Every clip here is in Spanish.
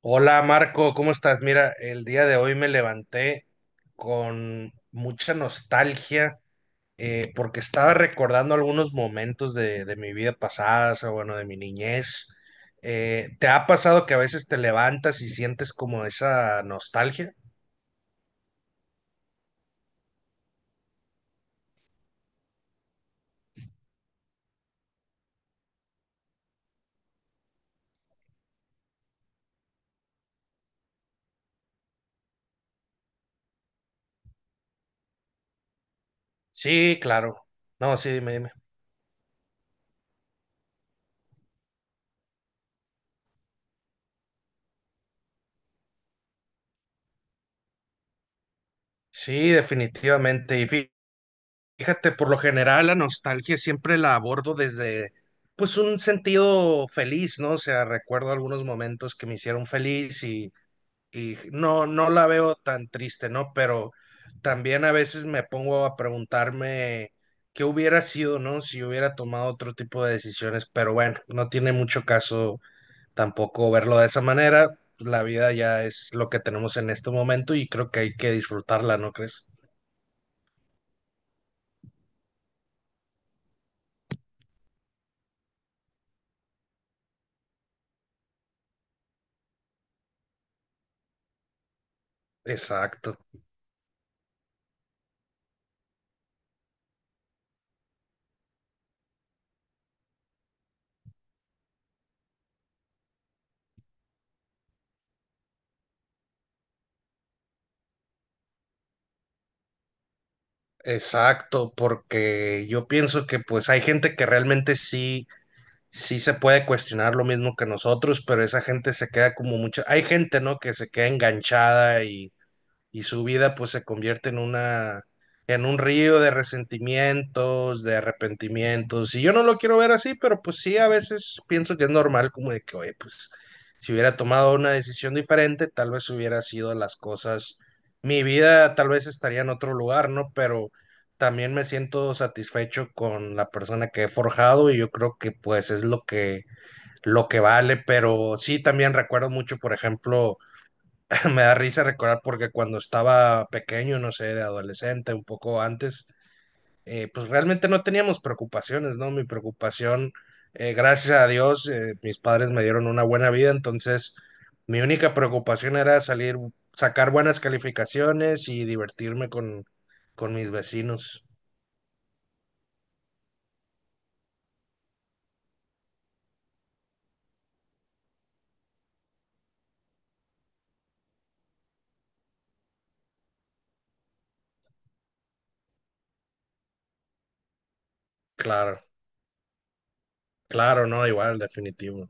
Hola Marco, ¿cómo estás? Mira, el día de hoy me levanté con mucha nostalgia porque estaba recordando algunos momentos de mi vida pasada, o sea, bueno, de mi niñez. ¿Te ha pasado que a veces te levantas y sientes como esa nostalgia? Sí, claro. No, sí, dime, dime. Sí, definitivamente. Fíjate, por lo general la nostalgia siempre la abordo desde, pues, un sentido feliz, ¿no? O sea, recuerdo algunos momentos que me hicieron feliz y no, no la veo tan triste, ¿no? Pero también a veces me pongo a preguntarme qué hubiera sido, ¿no? Si hubiera tomado otro tipo de decisiones, pero bueno, no tiene mucho caso tampoco verlo de esa manera. La vida ya es lo que tenemos en este momento y creo que hay que disfrutarla, ¿no crees? Exacto. Exacto, porque yo pienso que pues hay gente que realmente sí, sí se puede cuestionar lo mismo que nosotros, pero esa gente se queda como mucha, hay gente, ¿no? Que se queda enganchada y su vida pues se convierte en una, en un río de resentimientos, de arrepentimientos. Y yo no lo quiero ver así, pero pues sí, a veces pienso que es normal como de que, oye, pues si hubiera tomado una decisión diferente, tal vez hubiera sido las cosas, mi vida tal vez estaría en otro lugar, ¿no? Pero también me siento satisfecho con la persona que he forjado y yo creo que pues es lo que vale, pero sí también recuerdo mucho, por ejemplo, me da risa recordar porque cuando estaba pequeño, no sé, de adolescente, un poco antes, pues realmente no teníamos preocupaciones, ¿no? Mi preocupación, gracias a Dios, mis padres me dieron una buena vida, entonces mi única preocupación era salir, sacar buenas calificaciones y divertirme con mis vecinos. Claro, claro, no, igual, definitivo.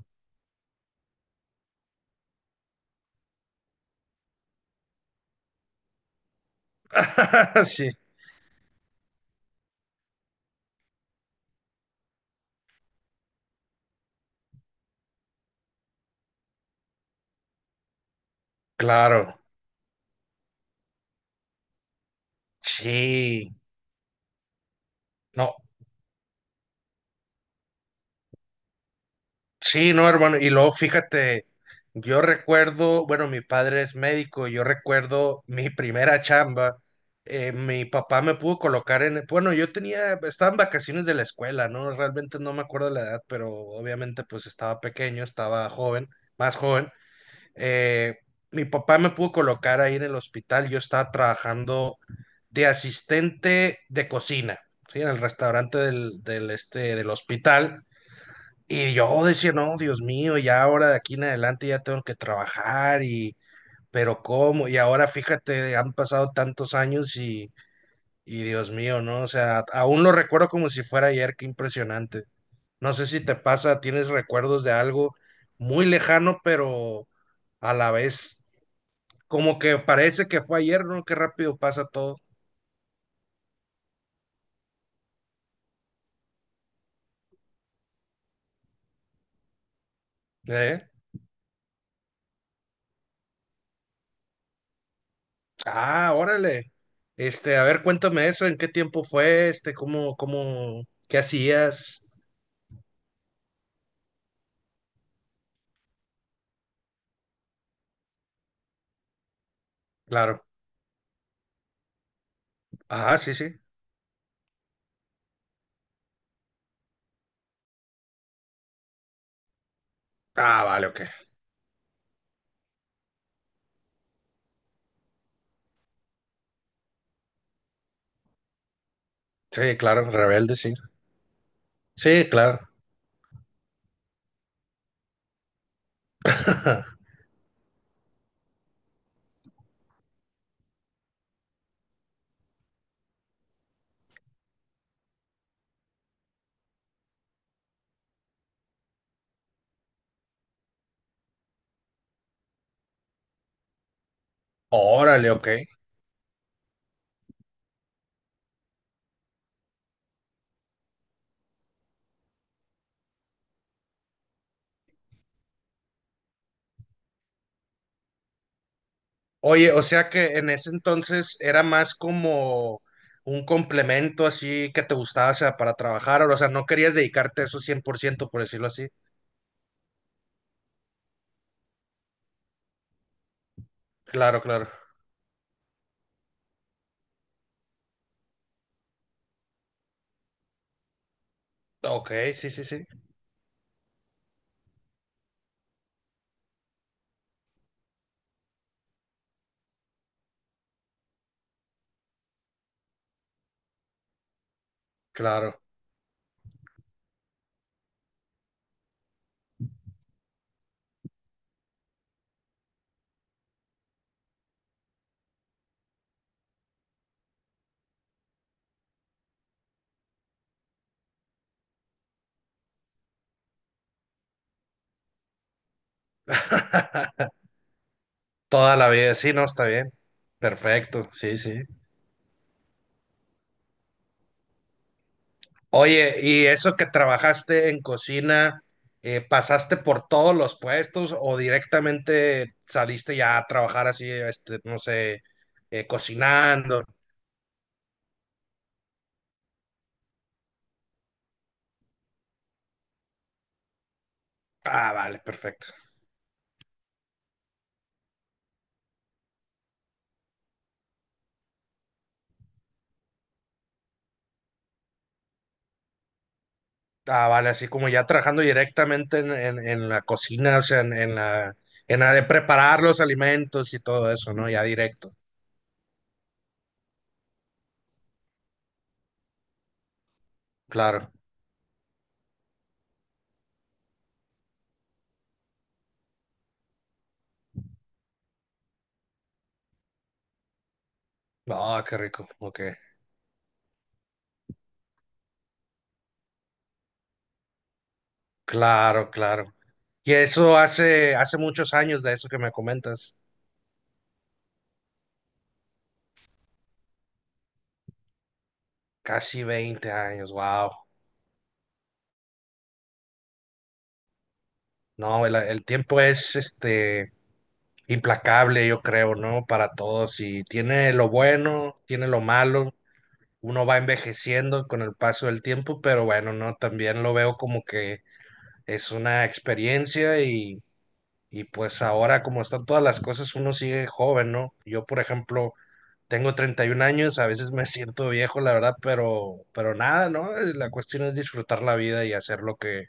Sí, claro, sí. No, sí, no, hermano. Y luego fíjate, yo recuerdo, bueno, mi padre es médico, yo recuerdo mi primera chamba. Mi papá me pudo colocar en, bueno, yo tenía, estaba en vacaciones de la escuela, ¿no? Realmente no me acuerdo la edad, pero obviamente pues estaba pequeño, estaba joven, más joven. Eh, Mi papá me pudo colocar ahí en el hospital, yo estaba trabajando de asistente de cocina, ¿sí? En el restaurante del este, del hospital. Y yo decía, no, Dios mío, ya ahora de aquí en adelante ya tengo que trabajar y, pero ¿cómo? Y ahora fíjate, han pasado tantos años y Dios mío, ¿no? O sea, aún lo recuerdo como si fuera ayer, qué impresionante. No sé si te pasa, tienes recuerdos de algo muy lejano, pero a la vez como que parece que fue ayer, ¿no? Qué rápido pasa todo. ¿Eh? Ah, órale. Este, a ver, cuéntame eso, ¿en qué tiempo fue? Este, qué hacías? Claro. Ah, sí, sí. Ah, vale, ok. Sí, claro, rebelde, sí. Sí, claro. Órale, ok. Oye, o sea que en ese entonces era más como un complemento así que te gustaba, o sea, para trabajar, o sea, no querías dedicarte a eso 100%, por ciento, por decirlo así. Claro, claro. Ok, sí, sí, sí. Claro. Toda la vida, sí, no, está bien. Perfecto, sí, sí. Oye, y eso que trabajaste en cocina, ¿pasaste por todos los puestos o directamente saliste ya a trabajar así, este, no sé, cocinando? Ah, vale, perfecto. Ah, vale, así como ya trabajando directamente en la cocina, o sea, en la de preparar los alimentos y todo eso, ¿no? Ya directo, claro. Ah, qué rico, ok. Claro, claro. Y eso hace muchos años de eso que me comentas. Casi 20 años, wow. No, el tiempo es este implacable, yo creo, ¿no? Para todos. Y tiene lo bueno, tiene lo malo. Uno va envejeciendo con el paso del tiempo, pero bueno, no, también lo veo como que es una experiencia y pues ahora como están todas las cosas, uno sigue joven, ¿no? Yo, por ejemplo, tengo 31 años, a veces me siento viejo, la verdad, pero nada, ¿no? La cuestión es disfrutar la vida y hacer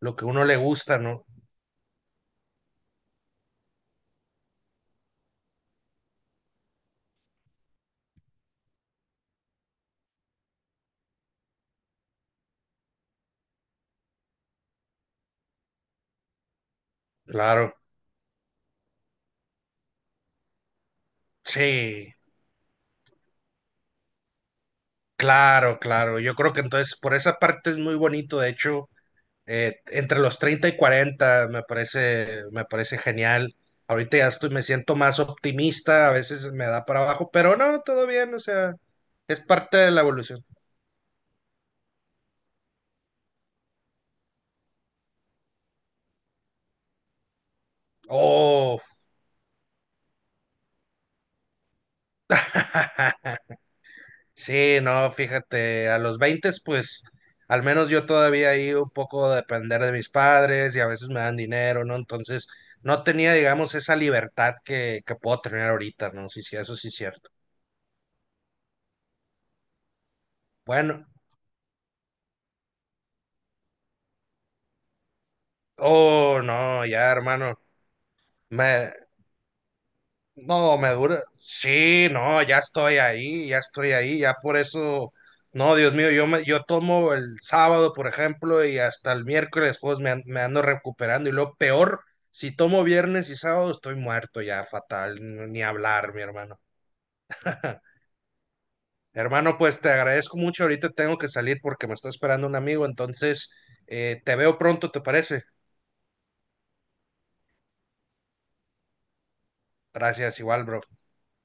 lo que uno le gusta, ¿no? Claro, sí, claro, claro. Yo creo que entonces por esa parte es muy bonito, de hecho, entre los 30 y 40 me parece genial. Ahorita ya estoy, me siento más optimista, a veces me da para abajo, pero no, todo bien, o sea, es parte de la evolución. Oh, sí, no, fíjate, a los 20, pues al menos yo todavía ahí un poco depender de mis padres y a veces me dan dinero, ¿no? Entonces no tenía, digamos, esa libertad que puedo tener ahorita, ¿no? Sí, sí, eso sí es cierto. Bueno, oh, no, ya, hermano, me, no, me dura. Sí, no, ya estoy ahí, ya estoy ahí, ya por eso. No, Dios mío, yo me, yo tomo el sábado, por ejemplo, y hasta el miércoles, juegos me ando recuperando. Y lo peor, si tomo viernes y sábado, estoy muerto ya, fatal, ni hablar, mi hermano. Hermano, pues te agradezco mucho. Ahorita tengo que salir porque me está esperando un amigo, entonces te veo pronto, ¿te parece? Gracias, igual, bro.